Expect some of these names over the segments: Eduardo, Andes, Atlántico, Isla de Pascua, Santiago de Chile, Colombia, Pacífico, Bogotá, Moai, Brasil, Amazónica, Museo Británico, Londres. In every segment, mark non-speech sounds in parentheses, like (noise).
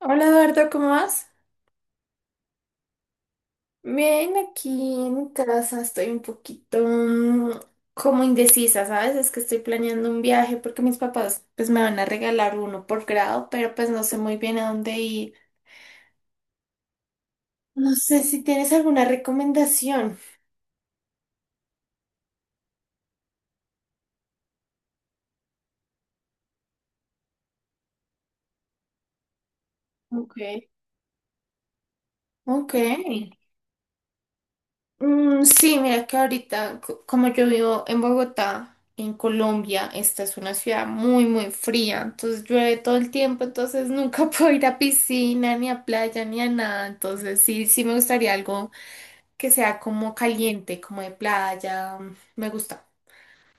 Hola Eduardo, ¿cómo vas? Bien, aquí en casa estoy un poquito como indecisa, ¿sabes? Es que estoy planeando un viaje porque mis papás pues me van a regalar uno por grado, pero pues no sé muy bien a dónde ir. No sé si tienes alguna recomendación. Ok. Ok. Mm, sí, mira que ahorita, como yo vivo en Bogotá, en Colombia, esta es una ciudad muy, muy fría, entonces llueve todo el tiempo, entonces nunca (laughs) puedo ir a piscina, ni a playa, ni a nada, entonces sí, sí me gustaría algo que sea como caliente, como de playa, me gusta.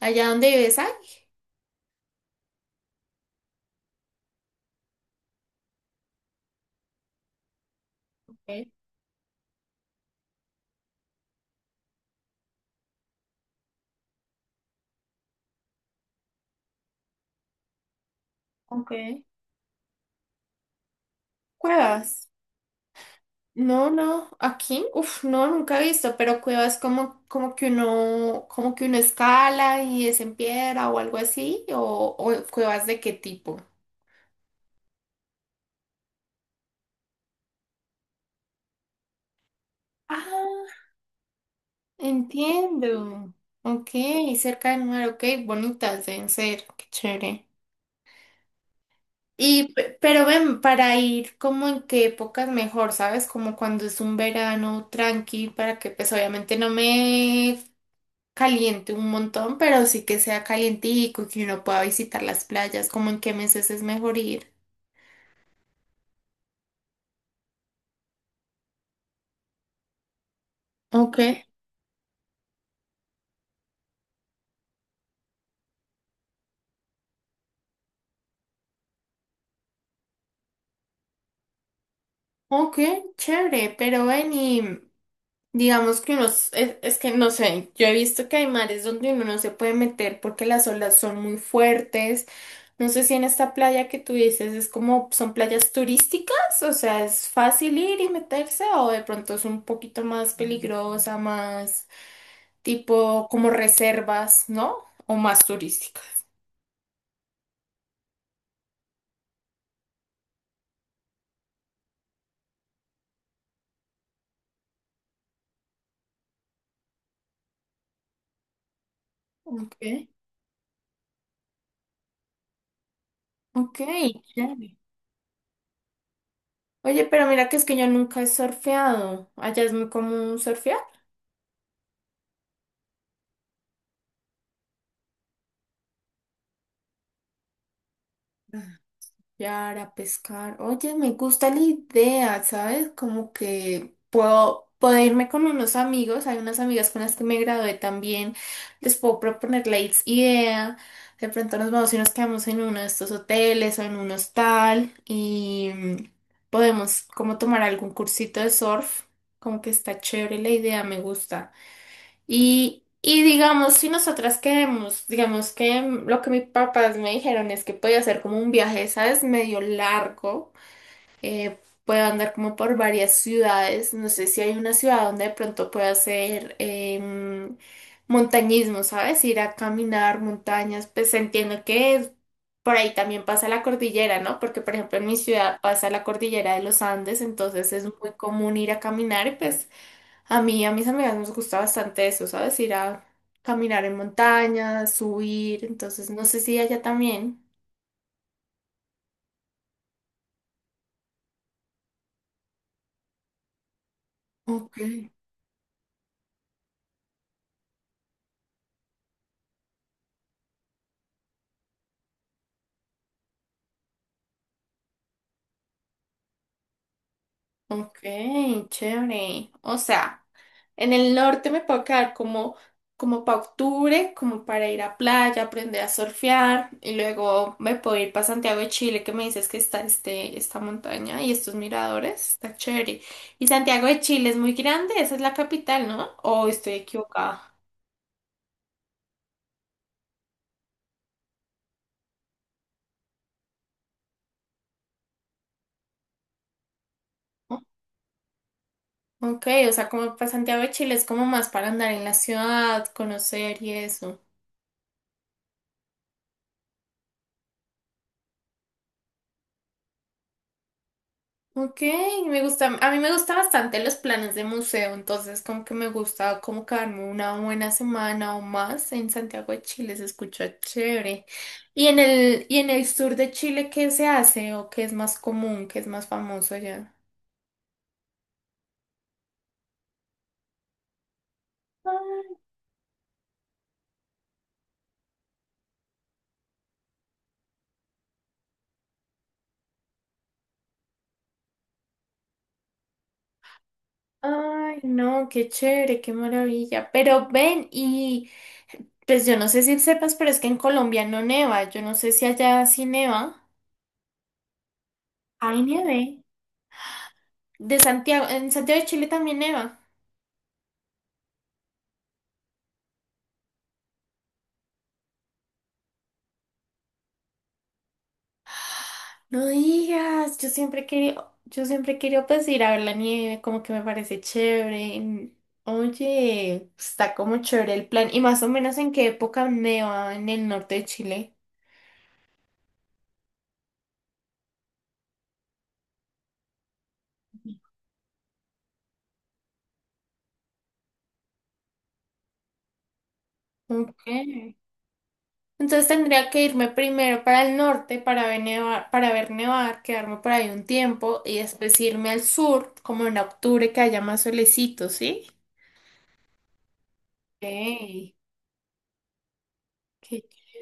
Allá donde vives, hay. Ok. Ok. Cuevas. No, no, aquí, uf, no, nunca he visto, pero cuevas como que uno escala y es en piedra o algo así, o cuevas de qué tipo. Ah, entiendo. Ok, cerca del mar, ok, bonitas deben ser, qué chévere. Y, pero ven, para ir como en qué épocas mejor, ¿sabes? Como cuando es un verano tranqui, para que pues obviamente no me caliente un montón, pero sí que sea calientico y que uno pueda visitar las playas, como en qué meses es mejor ir. Ok. Ok, chévere, pero ven y digamos que uno, es que no sé, yo he visto que hay mares donde uno no se puede meter porque las olas son muy fuertes. No sé si en esta playa que tú dices es como, son playas turísticas, o sea, es fácil ir y meterse o de pronto es un poquito más peligrosa, más tipo como reservas, ¿no? O más turística. Ok, ok, chévere. Oye, pero mira que es que yo nunca he surfeado. Allá es muy común surfear. Para pescar. Oye, me gusta la idea, ¿sabes? Como que puedo irme con unos amigos. Hay unas amigas con las que me gradué también. Les puedo proponer la idea. De pronto nos vamos y nos quedamos en uno de estos hoteles o en un hostal y podemos como tomar algún cursito de surf. Como que está chévere la idea, me gusta. Y digamos, si nosotras queremos, digamos que lo que mis papás me dijeron es que podía hacer como un viaje, ¿sabes? Medio largo, eh, puedo andar como por varias ciudades, no sé si hay una ciudad donde de pronto pueda hacer montañismo, ¿sabes? Ir a caminar montañas, pues entiendo que por ahí también pasa la cordillera, ¿no? Porque por ejemplo en mi ciudad pasa la cordillera de los Andes, entonces es muy común ir a caminar y pues... A mí, a mis amigas nos gusta bastante eso, ¿sabes? Ir a caminar en montañas, subir, entonces no sé si allá también. Ok. Ok, chévere. O sea, en el norte me puedo quedar como para octubre, como para ir a playa, aprender a surfear, y luego me puedo ir para Santiago de Chile, que me dices que está este, esta montaña y estos miradores, está chévere. Y Santiago de Chile es muy grande, esa es la capital, ¿no? ¿O estoy equivocada? Ok, o sea, como para Santiago de Chile es como más para andar en la ciudad, conocer y eso. Ok, me gusta, a mí me gusta bastante los planes de museo, entonces como que me gusta como quedarme una buena semana o más en Santiago de Chile, se escucha chévere. ¿Y en el sur de Chile qué se hace o qué es más común, qué es más famoso allá? Ah, ay, no, qué chévere, qué maravilla. Pero ven, pues yo no sé si sepas, pero es que en Colombia no neva. Yo no sé si allá sí neva. Ay, nieve. De Santiago, en Santiago de Chile también neva. No digas, yo siempre quería pues ir a ver la nieve, como que me parece chévere. Oye, está como chévere el plan. ¿Y más o menos en qué época neva en el norte de Chile? Ok. Entonces tendría que irme primero para el norte para ver nevar, quedarme por ahí un tiempo y después irme al sur, como en octubre que haya más solecito, ¿sí? Ey, qué ch-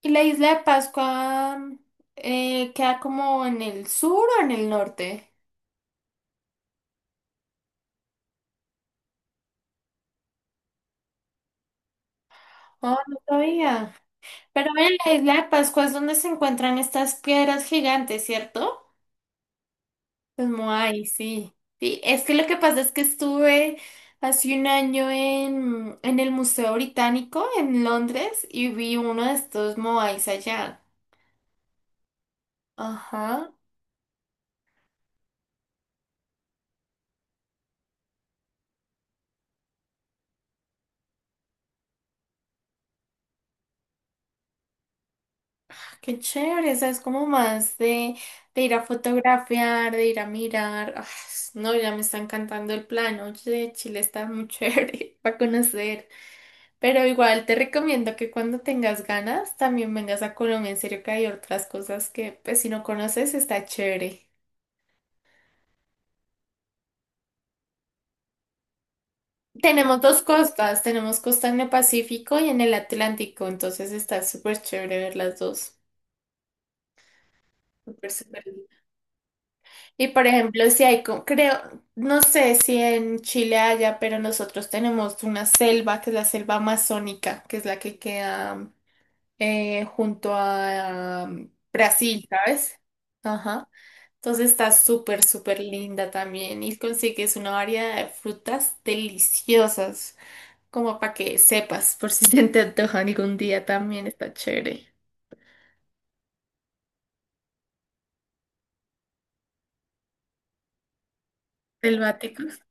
¿Y la isla de Pascua queda como en el sur o en el norte? Oh, no sabía. Pero en la isla de Pascua es donde se encuentran estas piedras gigantes, ¿cierto? Los Moai, sí. Sí, es que lo que pasa es que estuve hace un año en el Museo Británico en Londres y vi uno de estos Moais allá. Ajá, qué chévere, o es como más de, ir a fotografiar, de ir a mirar. Ah, no, ya me está encantando el plan, oye, Chile está muy chévere (laughs) para conocer. Pero igual te recomiendo que cuando tengas ganas también vengas a Colombia, en serio que hay otras cosas que pues si no conoces está chévere. Tenemos dos costas, tenemos costa en el Pacífico y en el Atlántico, entonces está súper chévere ver las dos. Súper, súper lindo. Y por ejemplo, si hay, creo, no sé si en Chile haya, pero nosotros tenemos una selva, que es la selva amazónica, que es la que queda junto a Brasil, ¿sabes? Ajá. Entonces está súper, súper linda también y consigues una variedad de frutas deliciosas. Como para que sepas, por si (laughs) se te antoja algún día también está chévere. Selváticos.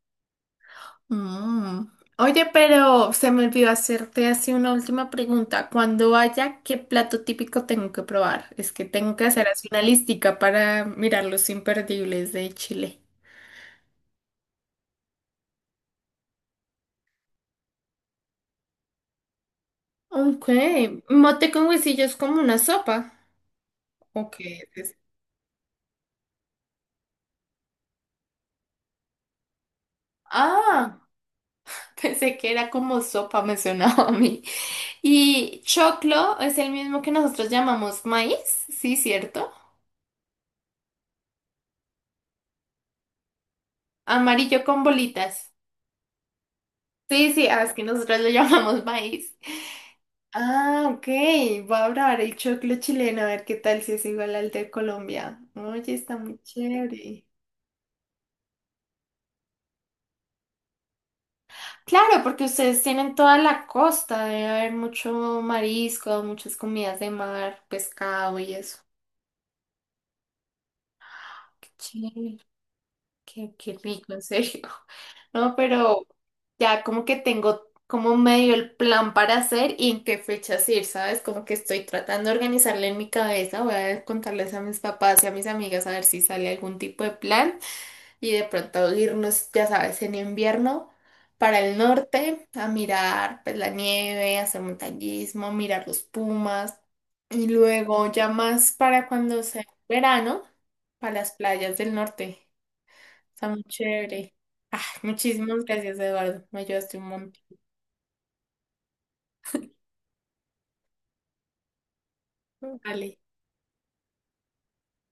Mm. Oye, pero se me olvidó hacerte así una última pregunta. Cuando vaya, ¿qué plato típico tengo que probar? Es que tengo que hacer así una listica para mirar los imperdibles de Chile. Ok, mote con huesillo es como una sopa. Ok. es- Ah, (laughs) pensé que era como sopa, me sonaba a mí. Y choclo es el mismo que nosotros llamamos maíz, sí, ¿cierto? Amarillo con bolitas. Sí, sí, ah, es que nosotros lo (laughs) llamamos maíz. Ah, ok. Voy a probar el choclo chileno a ver qué tal si es igual al de Colombia. Oye, está muy chévere. Claro, porque ustedes tienen toda la costa, debe haber mucho marisco, muchas comidas de mar, pescado y eso. Qué chévere. Qué rico, en serio. (laughs) No, pero ya como que tengo como medio el plan para hacer y en qué fechas ir, ¿sabes? Como que estoy tratando de organizarle en mi cabeza. Voy a contarles a mis papás y a mis amigas a ver si sale algún tipo de plan y de pronto irnos, ya sabes, en invierno para el norte a mirar pues la nieve, hacer montañismo, mirar los pumas y luego ya más para cuando sea verano, para las playas del norte. Está muy chévere. Ah, muchísimas gracias, Eduardo. Me ayudaste un montón. Vale.